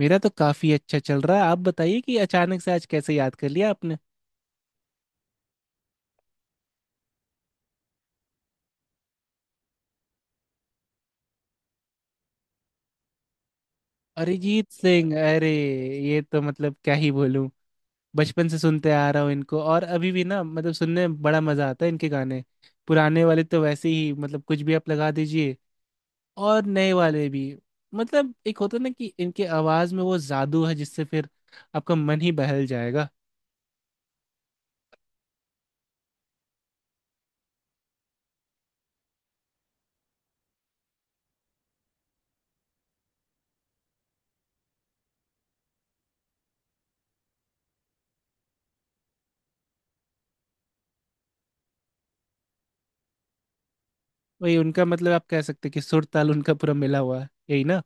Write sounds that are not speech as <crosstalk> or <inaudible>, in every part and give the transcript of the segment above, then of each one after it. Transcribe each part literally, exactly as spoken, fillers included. मेरा तो काफी अच्छा चल रहा है। आप बताइए कि अचानक से आज कैसे याद कर लिया आपने। अरिजीत सिंह, अरे ये तो मतलब क्या ही बोलूं। बचपन से सुनते आ रहा हूँ इनको, और अभी भी ना, मतलब सुनने में बड़ा मजा आता है इनके गाने। पुराने वाले तो वैसे ही मतलब कुछ भी आप लगा दीजिए, और नए वाले भी। मतलब एक होता ना कि इनके आवाज में वो जादू है जिससे फिर आपका मन ही बहल जाएगा। वही उनका, मतलब आप कह सकते हैं कि सुर ताल उनका पूरा मिला हुआ है, यही ना।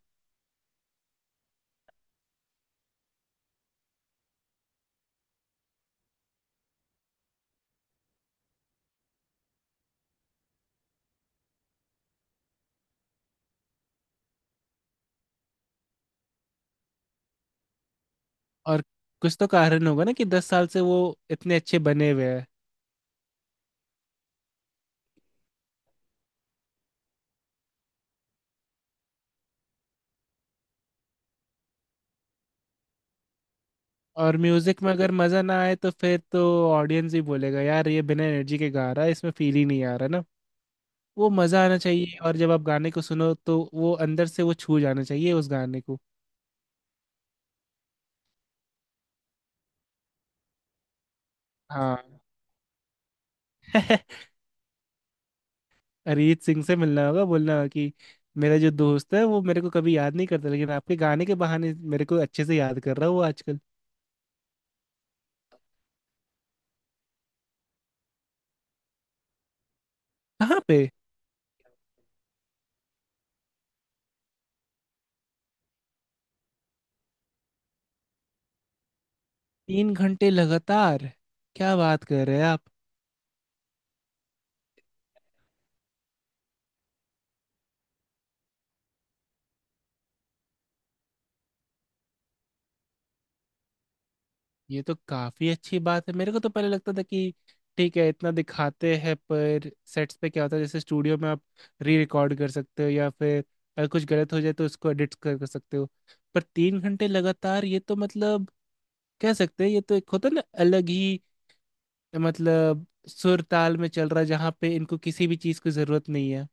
और कुछ तो कारण होगा ना कि दस साल से वो इतने अच्छे बने हुए हैं। और म्यूजिक में अगर मजा ना आए तो फिर तो ऑडियंस ही बोलेगा, यार ये बिना एनर्जी के गा रहा है, इसमें फील ही नहीं आ रहा ना। वो मजा आना चाहिए, और जब आप गाने को सुनो तो वो अंदर से वो छू जाना चाहिए उस गाने को। हाँ। <laughs> अरिजीत सिंह से मिलना होगा, बोलना होगा कि मेरा जो दोस्त है वो मेरे को कभी याद नहीं करता, लेकिन आपके गाने के बहाने मेरे को अच्छे से याद कर रहा है वो आजकल। कहाँ पे। तीन घंटे लगातार? क्या बात कर रहे हैं आप। ये तो काफी अच्छी बात है। मेरे को तो पहले लगता था कि ठीक है इतना दिखाते हैं, पर सेट्स पे क्या होता है, जैसे स्टूडियो में आप री रिकॉर्ड कर सकते हो, या फिर अगर कुछ गलत हो जाए तो उसको एडिट कर, कर सकते हो। पर तीन घंटे लगातार, ये तो मतलब कह सकते हैं ये तो एक होता है ना अलग ही। मतलब सुर ताल में चल रहा है जहाँ पे इनको किसी भी चीज की जरूरत नहीं है।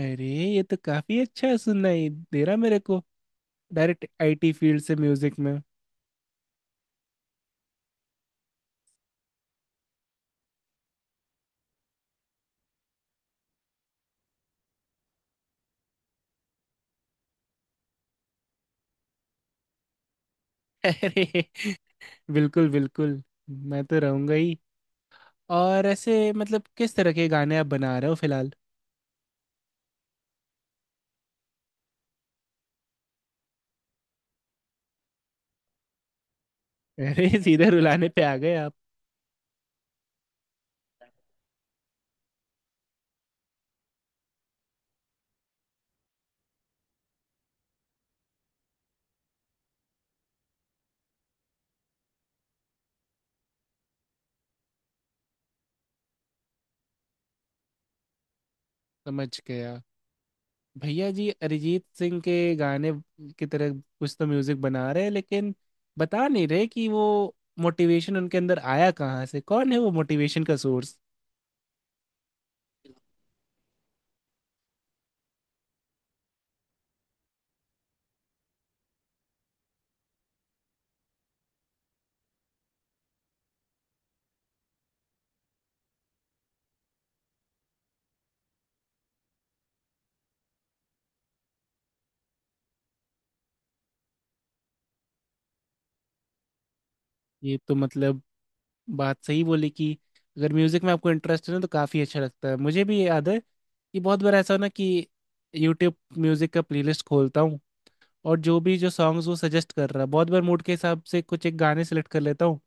अरे ये तो काफी अच्छा सुनाई दे रहा मेरे को। डायरेक्ट आईटी फील्ड से म्यूजिक में। <laughs> अरे बिल्कुल बिल्कुल, मैं तो रहूंगा ही। और ऐसे मतलब किस तरह के गाने आप बना रहे हो फिलहाल। अरे <laughs> सीधे रुलाने पे आ गए आप। समझ गया, भैया जी अरिजीत सिंह के गाने की तरह कुछ तो म्यूजिक बना रहे हैं, लेकिन बता नहीं रहे कि वो मोटिवेशन उनके अंदर आया कहाँ से, कौन है वो मोटिवेशन का सोर्स। ये तो मतलब बात सही बोली कि अगर म्यूजिक में आपको इंटरेस्ट है ना तो काफी अच्छा लगता है। मुझे भी याद है कि बहुत बार ऐसा होना कि यूट्यूब म्यूजिक का प्लेलिस्ट खोलता हूँ, और जो भी जो सॉन्ग्स वो सजेस्ट कर रहा है बहुत बार मूड के हिसाब से कुछ एक गाने सेलेक्ट कर लेता हूँ,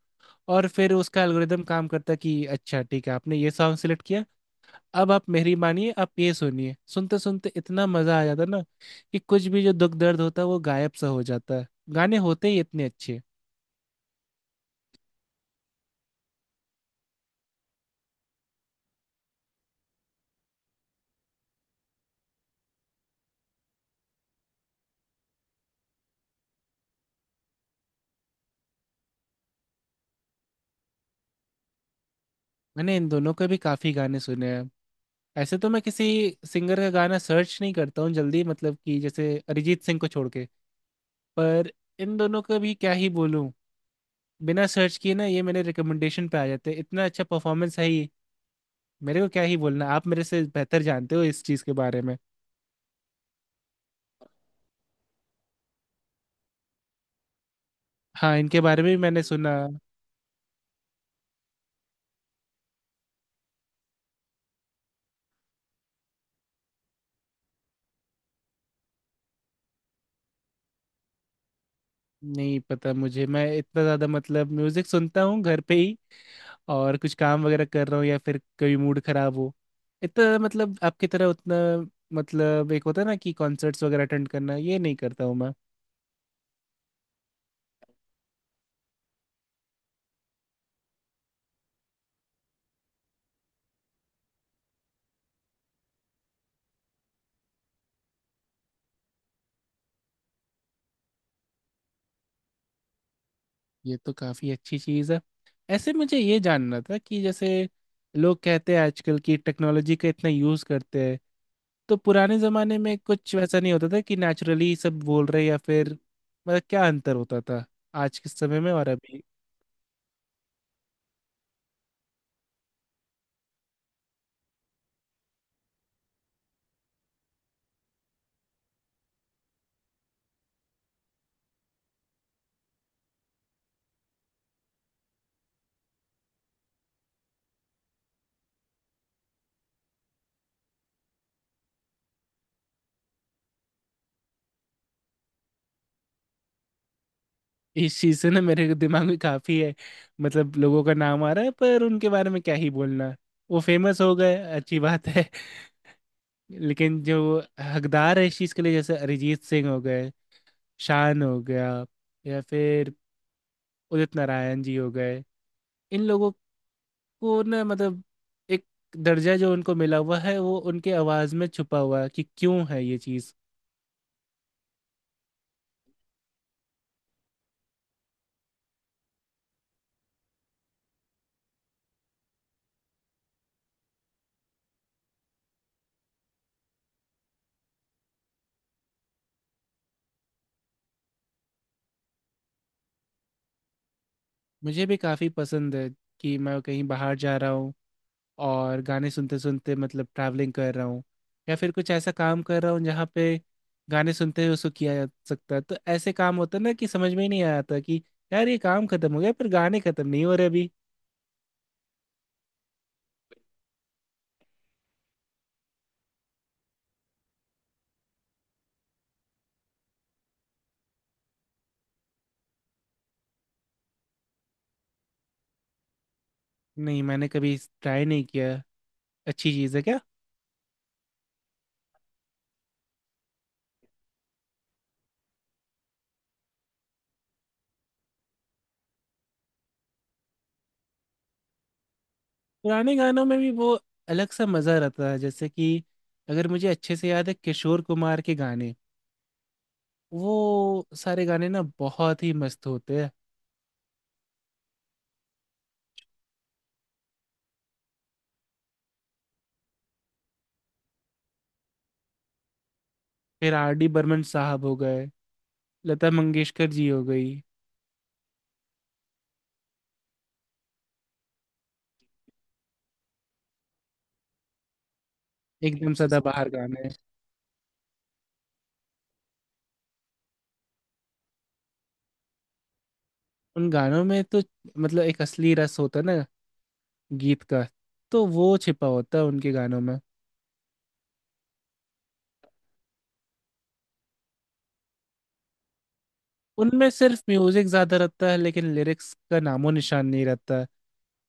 और फिर उसका एल्गोरिदम काम करता है कि अच्छा ठीक है, आपने ये सॉन्ग सेलेक्ट किया, अब आप मेरी मानिए, आप ये सुनिए। सुनते सुनते इतना मजा आ जाता है ना कि कुछ भी जो दुख दर्द होता है वो गायब सा हो जाता है, गाने होते ही इतने अच्छे। मैंने इन दोनों के भी काफी गाने सुने हैं। ऐसे तो मैं किसी सिंगर का गाना सर्च नहीं करता हूँ जल्दी, मतलब कि जैसे अरिजीत सिंह को छोड़ के। पर इन दोनों का भी क्या ही बोलूँ, बिना सर्च किए ना ये मेरे रिकमेंडेशन पे आ जाते हैं, इतना अच्छा परफॉर्मेंस है ही। मेरे को क्या ही बोलना, आप मेरे से बेहतर जानते हो इस चीज़ के बारे में। हाँ इनके बारे में भी मैंने सुना। नहीं पता मुझे, मैं इतना ज़्यादा मतलब म्यूज़िक सुनता हूँ घर पे ही, और कुछ काम वगैरह कर रहा हूँ या फिर कभी मूड खराब हो। इतना मतलब आपकी तरह उतना, मतलब एक होता है ना कि कॉन्सर्ट्स वगैरह अटेंड करना, ये नहीं करता हूँ मैं। ये तो काफी अच्छी चीज है। ऐसे मुझे ये जानना था कि जैसे लोग कहते हैं आजकल की टेक्नोलॉजी का इतना यूज करते हैं, तो पुराने जमाने में कुछ वैसा नहीं होता था कि नेचुरली सब बोल रहे, या फिर मतलब क्या अंतर होता था आज के समय में और अभी। इस चीज से ना मेरे दिमाग में काफी है, मतलब लोगों का नाम आ रहा है पर उनके बारे में क्या ही बोलना। वो फेमस हो गए, अच्छी बात है। <laughs> लेकिन जो हकदार है इस चीज के लिए, जैसे अरिजीत सिंह हो गए, शान हो गया, या फिर उदित नारायण जी हो गए, इन लोगों को ना मतलब एक दर्जा जो उनको मिला हुआ है वो उनके आवाज़ में छुपा हुआ है कि क्यों है ये चीज़। मुझे भी काफ़ी पसंद है, कि मैं कहीं बाहर जा रहा हूँ और गाने सुनते सुनते मतलब ट्रैवलिंग कर रहा हूँ, या फिर कुछ ऐसा काम कर रहा हूँ जहाँ पे गाने सुनते हुए उसको किया जा सकता है, तो ऐसे काम होता है ना कि समझ में ही नहीं आता कि यार ये काम खत्म हो गया पर गाने खत्म नहीं हो रहे अभी। नहीं, मैंने कभी ट्राई नहीं किया। अच्छी चीज़ है क्या? पुराने गानों में भी वो अलग सा मजा रहता है, जैसे कि अगर मुझे अच्छे से याद है किशोर कुमार के गाने, वो सारे गाने ना बहुत ही मस्त होते हैं। फिर आर डी बर्मन साहब हो गए, लता मंगेशकर जी हो गई। एकदम सदाबहार गाने। उन गानों में तो मतलब एक असली रस होता है ना गीत का, तो वो छिपा होता है उनके गानों में। उनमें सिर्फ म्यूजिक ज्यादा रहता है लेकिन लिरिक्स का नामो निशान नहीं रहता है।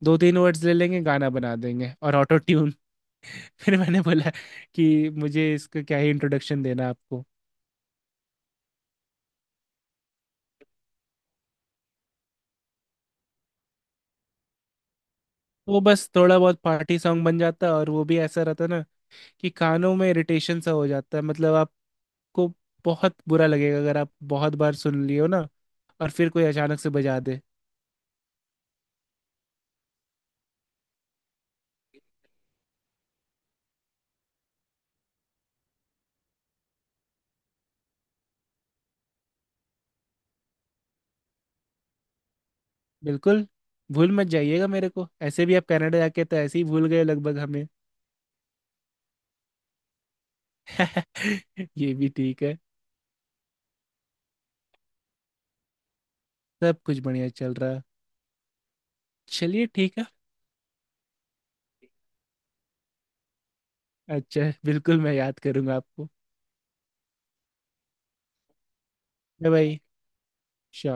दो तीन वर्ड्स ले लेंगे, गाना बना देंगे, और ऑटो। फिर मैंने बोला कि मुझे इसका क्या ही इंट्रोडक्शन देना आपको। वो बस थोड़ा बहुत पार्टी सॉन्ग बन जाता, और वो भी ऐसा रहता ना कि कानों में इरिटेशन सा हो जाता है, मतलब आपको बहुत बुरा लगेगा अगर आप बहुत बार सुन लियो ना, और फिर कोई अचानक से बजा दे। बिल्कुल। भूल मत जाइएगा मेरे को, ऐसे भी आप कनाडा जाके तो ऐसे ही भूल गए लगभग हमें। <laughs> ये भी ठीक है। सब कुछ बढ़िया चल रहा है। चलिए ठीक है। अच्छा बिल्कुल, मैं याद करूंगा आपको। Bye bye.